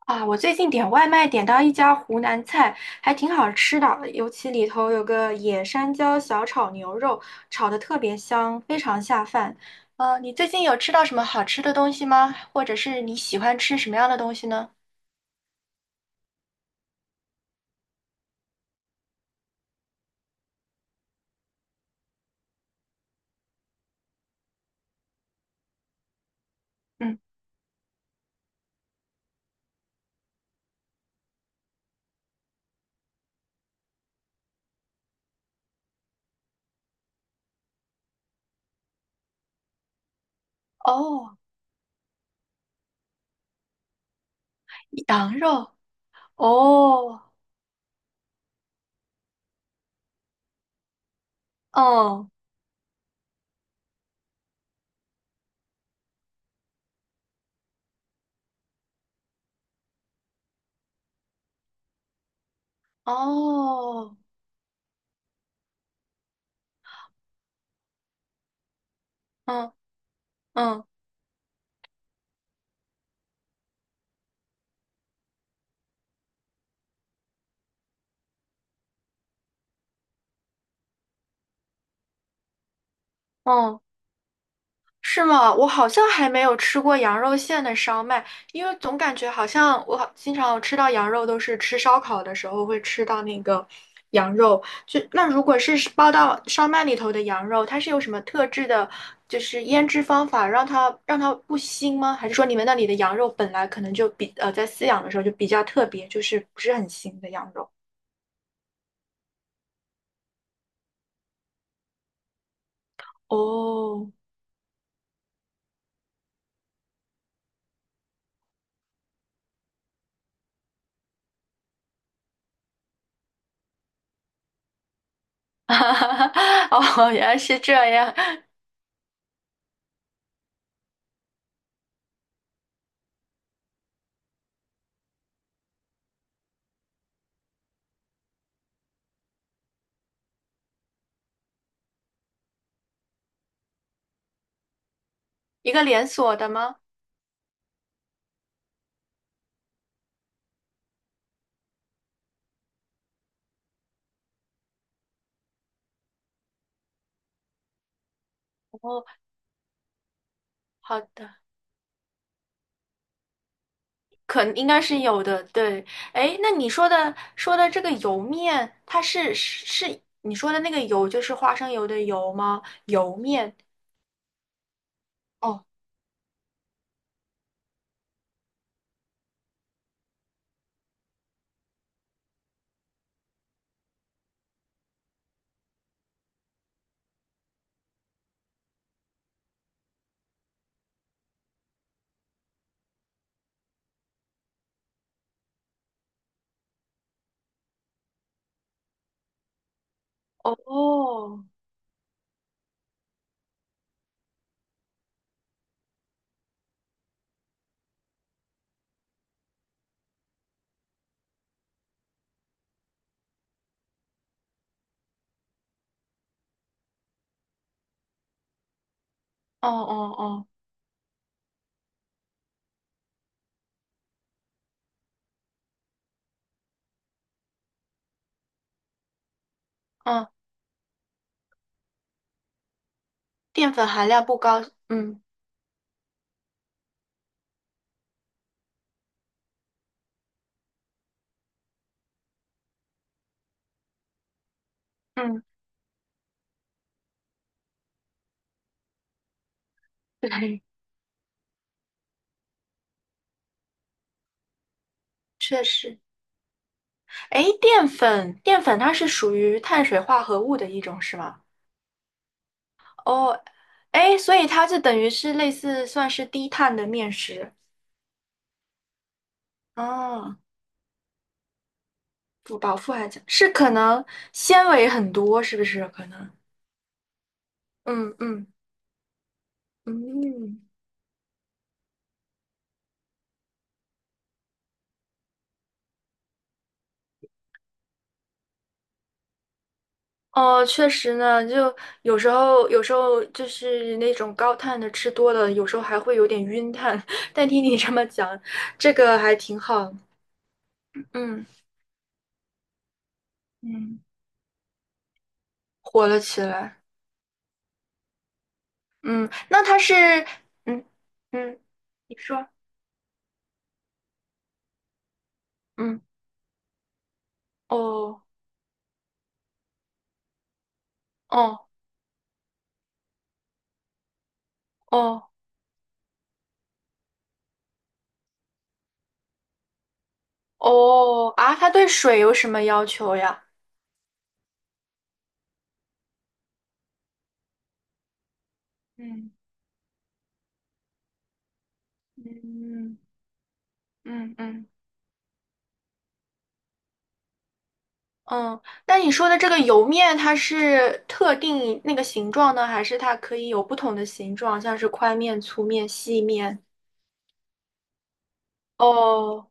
啊，我最近点外卖点到一家湖南菜，还挺好吃的，尤其里头有个野山椒小炒牛肉，炒的特别香，非常下饭。你最近有吃到什么好吃的东西吗？或者是你喜欢吃什么样的东西呢？嗯，哦，羊肉，哦，哦，哦，嗯嗯嗯。是吗？我好像还没有吃过羊肉馅的烧麦，因为总感觉好像我好经常吃到羊肉都是吃烧烤的时候会吃到那个羊肉。就那如果是包到烧麦里头的羊肉，它是有什么特制的，就是腌制方法让它不腥吗？还是说你们那里的羊肉本来可能就比在饲养的时候就比较特别，就是不是很腥的羊肉？哦，哦，原来是这样，一个连锁的吗？哦，好的。可能应该是有的，对。哎，那你说的这个油面，它是你说的那个油，就是花生油的油吗？油面，哦哦哦哦哦，哦嗯，淀粉含量不高，嗯嗯，对，确实。哎，淀粉它是属于碳水化合物的一种，是吗？哦，哎，所以它就等于是类似算是低碳的面食。哦。不饱腹还强，是可能纤维很多，是不是？可能，嗯嗯嗯，哦，确实呢，就有时候就是那种高碳的吃多了，有时候还会有点晕碳。但听你这么讲，这个还挺好，嗯嗯，火了起来，嗯，那它是，嗯嗯，你说，嗯，哦哦哦哦啊，它对水有什么要求呀？嗯嗯嗯嗯。嗯，那你说的这个油面，它是特定那个形状呢，还是它可以有不同的形状，像是宽面、粗面、细面？哦，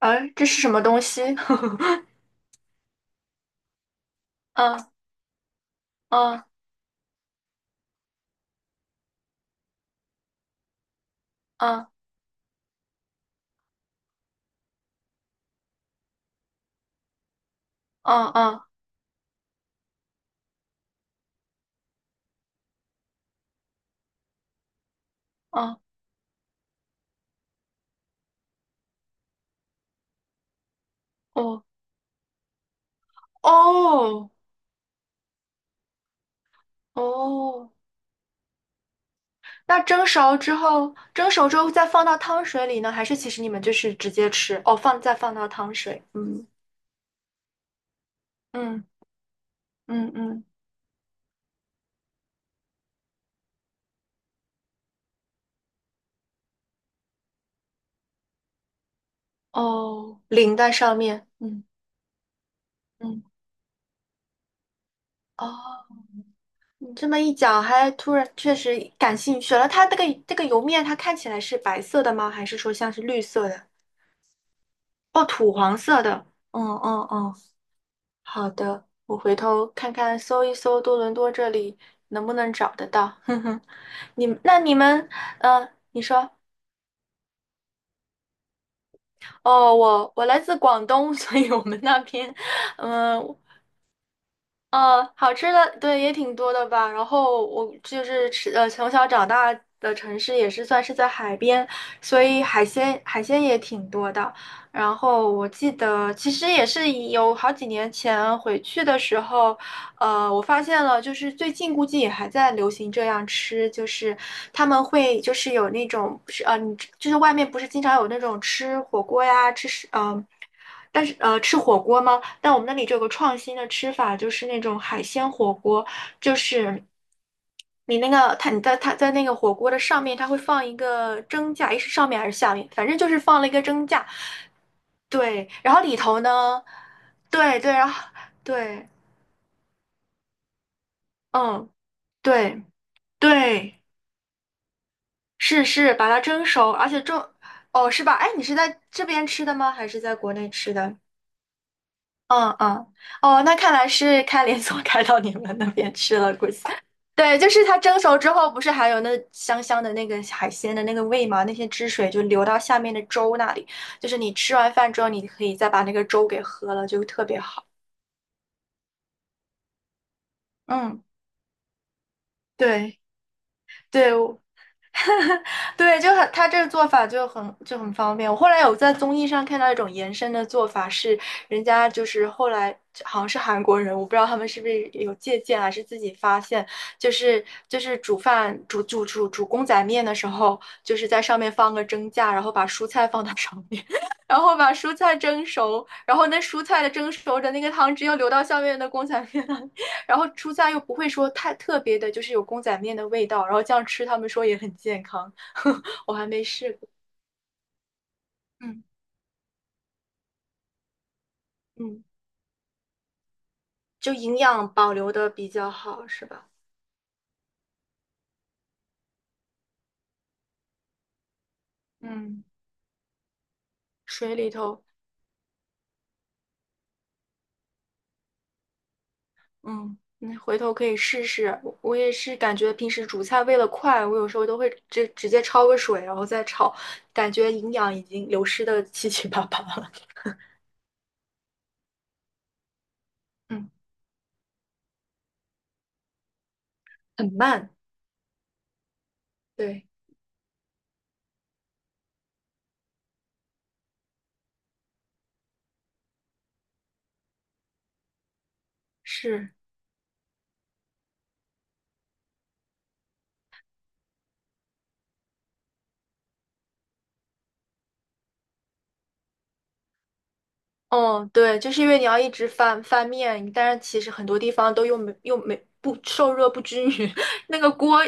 哎，这是什么东西？嗯嗯嗯嗯嗯嗯，哦哦哦，那蒸熟之后，蒸熟之后再放到汤水里呢，还是其实你们就是直接吃？哦，放再放到汤水，嗯嗯嗯嗯，哦，淋在上面，嗯嗯，哦。你这么一讲，还突然确实感兴趣了。它这个油面，它看起来是白色的吗？还是说像是绿色的？哦，土黄色的。嗯嗯嗯，好的，我回头看看，搜一搜多伦多这里能不能找得到。哼哼，你们，嗯，你说，哦，我来自广东，所以我们那边，嗯、好吃的对也挺多的吧。然后我就是吃从小长大的城市也是算是在海边，所以海鲜也挺多的。然后我记得其实也是有好几年前回去的时候。我发现了，就是最近估计也还在流行这样吃，就是他们会就是有那种是你就是外面不是经常有那种吃火锅呀，吃是但是吃火锅吗？但我们那里就有个创新的吃法，就是那种海鲜火锅，就是你那个它你在它在那个火锅的上面，它会放一个蒸架，诶是上面还是下面？反正就是放了一个蒸架，对，然后里头呢，对对，然后对，嗯。对，对，是是，把它蒸熟，而且蒸，哦，是吧？哎，你是在这边吃的吗？还是在国内吃的？嗯嗯，哦，那看来是开连锁 开到你们那边吃了，估计。对，就是它蒸熟之后，不是还有那香香的那个海鲜的那个味吗？那些汁水就流到下面的粥那里，就是你吃完饭之后，你可以再把那个粥给喝了，就特别好。嗯，对对，对，就很，他这个做法就很就很方便。我后来有在综艺上看到一种延伸的做法是，人家就是后来好像是韩国人，我不知道他们是不是有借鉴还是自己发现，就是煮饭煮煮煮煮公仔面的时候，就是在上面放个蒸架，然后把蔬菜放到上面，然后把蔬菜蒸熟，然后那蔬菜的蒸熟的那个汤汁又流到下面的公仔面那里然后蔬菜又不会说太特别的，就是有公仔面的味道，然后这样吃，他们说也很健康。我还没试过。嗯嗯，就营养保留的比较好，是吧？嗯，水里头，嗯，你回头可以试试。我也是感觉平时煮菜为了快，我有时候都会直接焯个水，然后再炒，感觉营养已经流失的七七八八了 嗯，很慢。对，是，哦，对，就是因为你要一直翻翻面，但是其实很多地方都又没又没不受热不均匀，那个锅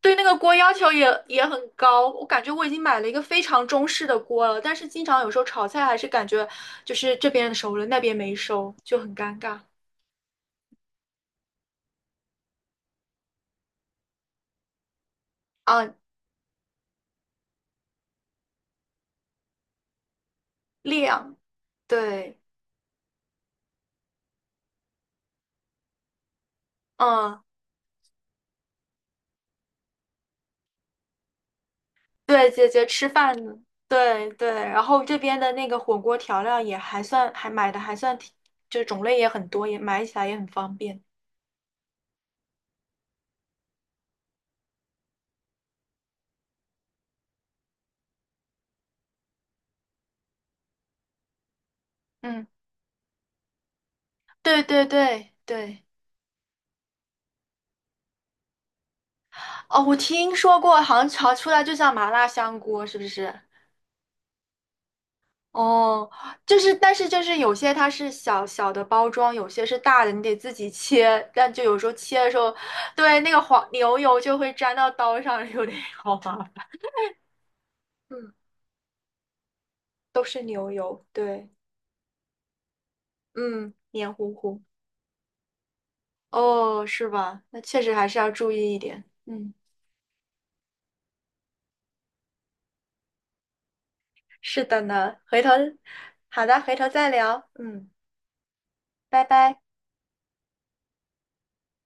对那个锅要求也很高，我感觉我已经买了一个非常中式的锅了，但是经常有时候炒菜还是感觉就是这边熟了，那边没熟，就很尴尬啊。量，对，嗯，对，姐姐吃饭呢，对对，然后这边的那个火锅调料也还算，还买的还算挺，就是种类也很多，也买起来也很方便。嗯，对对对对，哦，我听说过，好像炒出来就像麻辣香锅，是不是？哦，就是，但是就是有些它是小小的包装，有些是大的，你得自己切。但就有时候切的时候，对，那个黄牛油就会粘到刀上，有点好麻烦。嗯，都是牛油，对，嗯，黏糊糊。哦，是吧？那确实还是要注意一点。嗯，是的呢，回头，好的，回头再聊。嗯，拜拜。